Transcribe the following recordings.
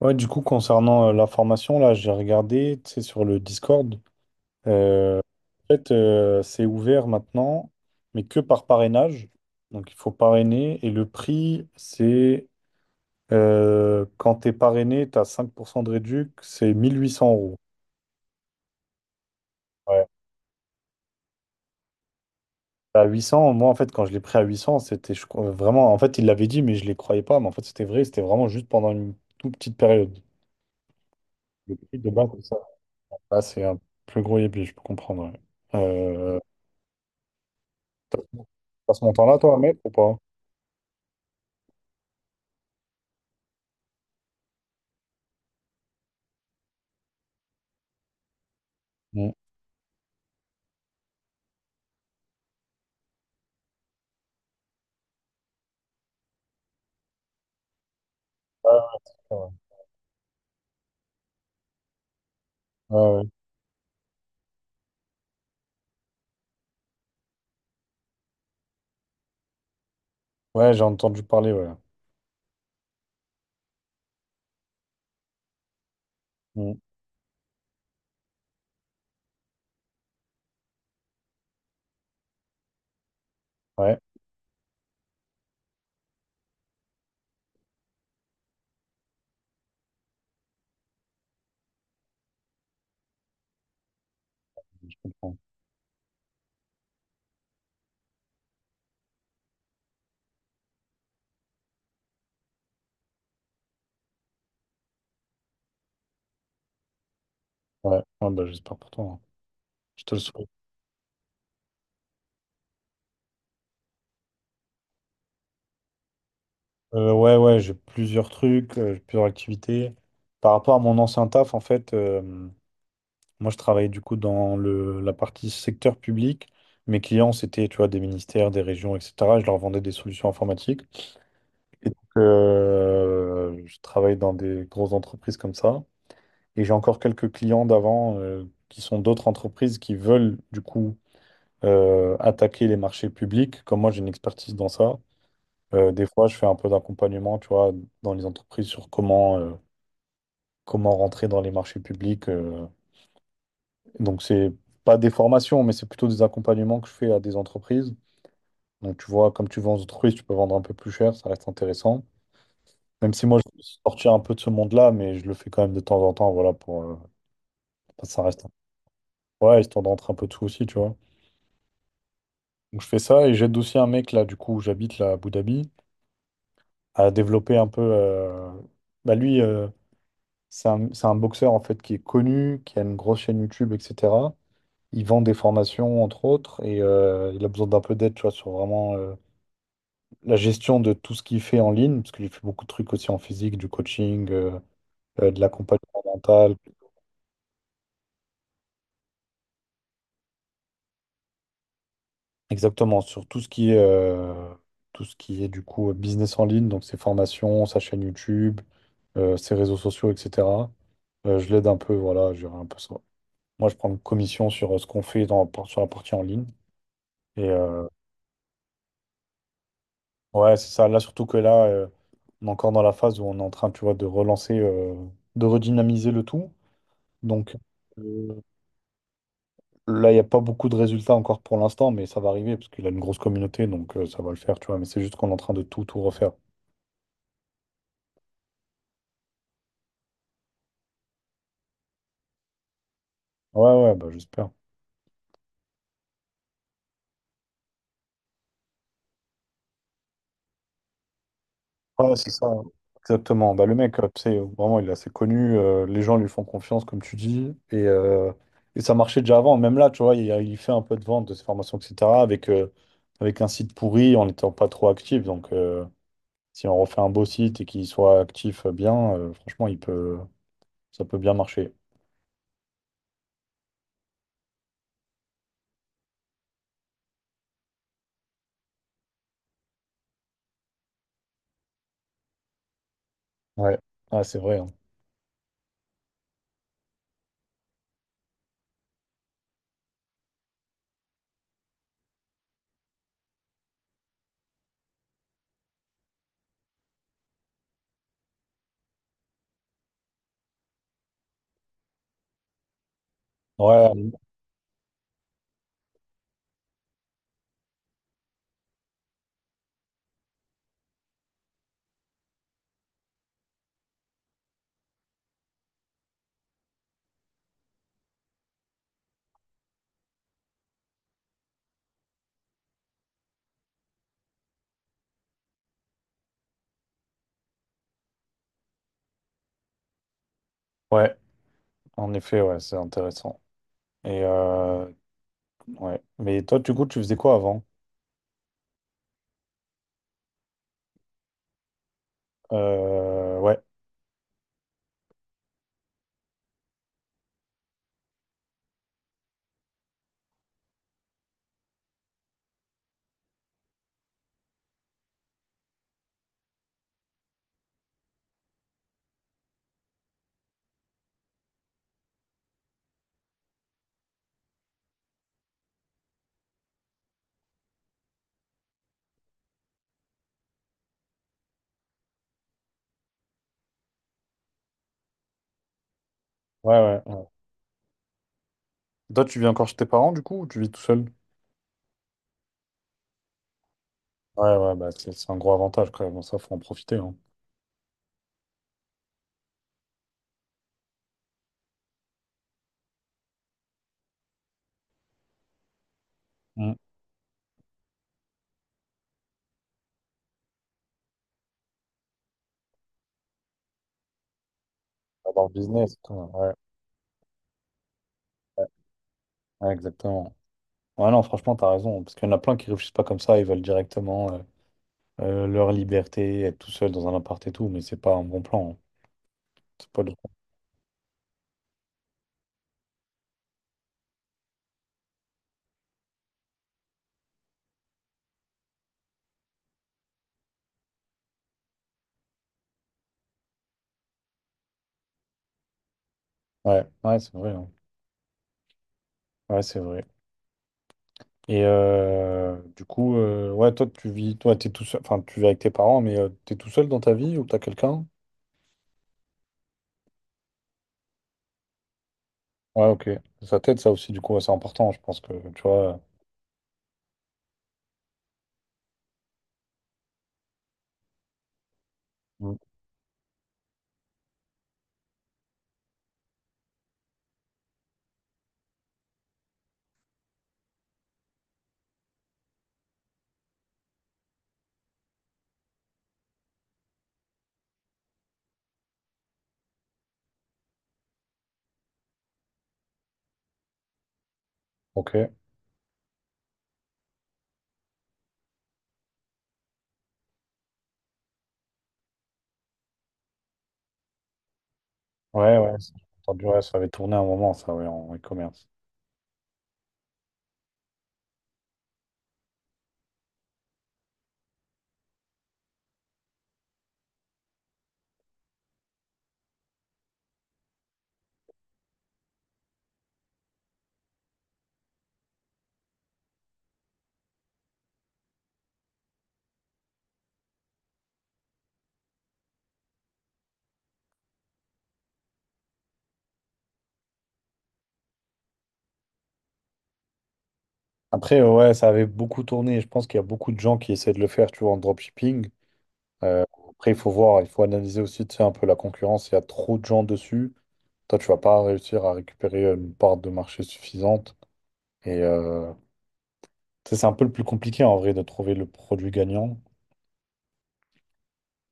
Ouais, du coup, concernant la formation, là, j'ai regardé, tu sais, sur le Discord. Euh, en fait, c'est ouvert maintenant, mais que par parrainage. Donc, il faut parrainer. Et le prix, c'est quand tu es parrainé, tu as 5% de réduc, c'est 1800 euros. Ouais. À 800 moi, en fait, quand je l'ai pris à 800 c'était je crois, vraiment. En fait, il l'avait dit, mais je ne les croyais pas. Mais en fait, c'était vrai, c'était vraiment juste pendant une toute petite période. Le prix de base, c'est ça. Là, c'est un plus gros yébi, je peux comprendre. Ouais. Euh, T'as t'as ce montant-là, toi, à mettre ou pas? Mm. Ouais, ouais, ouais. Ouais, ouais. Ouais, j'ai entendu parler, ouais. Mm. Ouais, je comprends. Ouais, ouais, bah, j'espère pour toi. Hein. Je te le souhaite. Ouais, ouais, j'ai plusieurs trucs, j'ai plusieurs activités. Par rapport à mon ancien taf, en fait, moi, je travaillais du coup dans le, la partie secteur public. Mes clients, c'était, tu vois, des ministères, des régions, etc. Je leur vendais des solutions informatiques. Et donc, je travaille dans des grosses entreprises comme ça. Et j'ai encore quelques clients d'avant qui sont d'autres entreprises qui veulent du coup attaquer les marchés publics. Comme moi, j'ai une expertise dans ça. Des fois, je fais un peu d'accompagnement, tu vois, dans les entreprises sur comment rentrer dans les marchés publics. Donc, c'est pas des formations, mais c'est plutôt des accompagnements que je fais à des entreprises. Donc, tu vois, comme tu vends aux entreprises, tu peux vendre un peu plus cher, ça reste intéressant. Même si moi, je veux sortir un peu de ce monde-là, mais je le fais quand même de temps en temps, voilà, pour ça reste. Ouais, histoire d'entrer un peu de tout aussi, tu vois. Donc je fais ça et j'aide aussi un mec là, du coup, où j'habite là à Abu Dhabi, à développer un peu. Bah, lui, c'est un boxeur en fait qui est connu, qui a une grosse chaîne YouTube, etc. Il vend des formations entre autres et il a besoin d'un peu d'aide, tu vois, sur vraiment la gestion de tout ce qu'il fait en ligne, parce qu'il fait beaucoup de trucs aussi en physique, du coaching, de l'accompagnement mental. Exactement, sur tout ce qui est, tout ce qui est du coup business en ligne, donc ses formations, sa chaîne YouTube, ses réseaux sociaux, etc. Je l'aide un peu, voilà, je gère un peu ça. Moi, je prends une commission sur ce qu'on fait sur la partie en ligne. Et ouais, c'est ça. Là, surtout que là, on est encore dans la phase où on est en train, tu vois, de relancer, de redynamiser le tout. Donc euh, là, il n'y a pas beaucoup de résultats encore pour l'instant, mais ça va arriver parce qu'il a une grosse communauté, donc ça va le faire, tu vois. Mais c'est juste qu'on est en train de tout, tout refaire. Ouais, ouais, bah, j'espère. Ouais, c'est ça. Exactement. Bah, le mec, tu sais, vraiment, il est assez connu. Les gens lui font confiance, comme tu dis. Et ça marchait déjà avant. Même là, tu vois, il fait un peu de vente de ses formations, etc. Avec, euh, avec un site pourri, en n'étant pas trop actif. Donc, si on refait un beau site et qu'il soit actif bien, franchement, il peut, ça peut bien marcher. Ouais, ah, c'est vrai. Hein. Ouais, ouais, en effet, ouais, c'est intéressant. Et ouais. Mais toi, du coup, tu faisais quoi avant? Ouais, ouais, ouais. Ouais. Toi, tu vis encore chez tes parents, du coup, ou tu vis tout seul? Ouais, ouais, bah, c'est un gros avantage quand même. Ça, faut en profiter. Hein. Mm. Avoir le business, tout, hein. Ouais, ouais, ouais, exactement. Ouais, non, franchement, t'as raison. Parce qu'il y en a plein qui réfléchissent pas comme ça. Ils veulent directement leur liberté, être tout seul dans un appart et tout. Mais c'est pas un bon plan. Hein. C'est pas le- Ouais, ouais, c'est vrai. Hein. Ouais, c'est vrai. Et du coup, ouais, toi, tu vis, toi, t'es tout seul. Enfin, tu vis avec tes parents, mais tu t'es tout seul dans ta vie ou t'as quelqu'un? Ouais, ok. Ça t'aide, ça aussi, du coup, ouais, c'est important. Je pense que, tu vois. Ok. Ouais, ouais. Ça, j'ai entendu, ouais, ça avait tourné un moment, ça, ouais, en e-commerce. Après, ouais, ça avait beaucoup tourné. Je pense qu'il y a beaucoup de gens qui essaient de le faire, tu vois, en dropshipping. Euh, après, il faut voir, il faut analyser aussi, tu sais, un peu la concurrence. Il y a trop de gens dessus. Toi, tu vas pas réussir à récupérer une part de marché suffisante. Et tu sais, c'est un peu le plus compliqué, en vrai, de trouver le produit gagnant.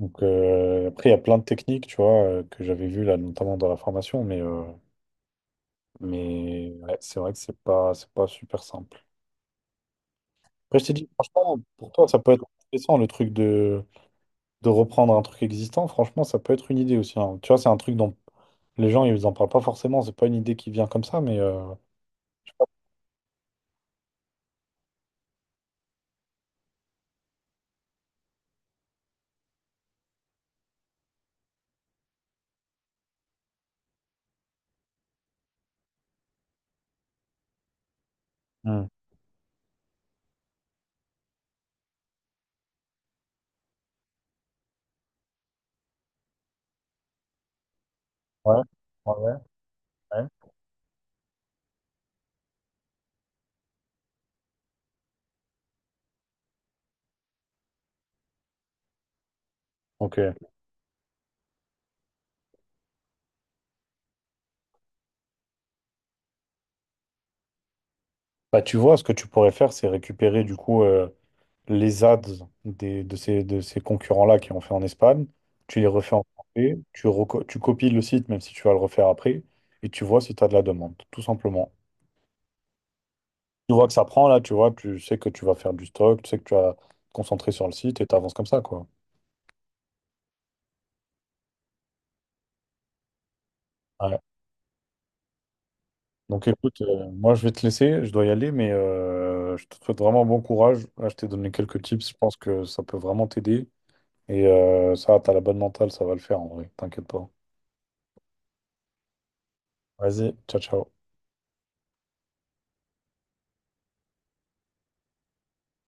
Donc, après, il y a plein de techniques, tu vois, que j'avais vues, là, notamment dans la formation. Mais ouais, c'est vrai que c'est pas super simple. Après, je t'ai dit, franchement, pour toi, ça peut être intéressant le truc de, reprendre un truc existant. Franchement, ça peut être une idée aussi. Hein. Tu vois, c'est un truc dont les gens, ils en parlent pas forcément. C'est pas une idée qui vient comme ça, mais. Je sais pas. Hmm. Ouais, ouais, ouais. Ouais. Ok. Bah, tu vois, ce que tu pourrais faire, c'est récupérer du coup les ads des, de ces concurrents-là qui ont fait en Espagne. Tu les refais en français. Tu copies le site, même si tu vas le refaire après. Et tu vois si tu as de la demande, tout simplement. Tu vois que ça prend là, tu vois, tu sais que tu vas faire du stock, tu sais que tu vas te concentrer sur le site et t'avances comme ça, quoi. Ouais. Donc écoute, moi je vais te laisser, je dois y aller, mais je te souhaite vraiment bon courage. Là, je t'ai donné quelques tips, je pense que ça peut vraiment t'aider. Et ça, t'as la bonne mentale, ça va le faire en vrai, t'inquiète pas. Vas-y, ciao, ciao.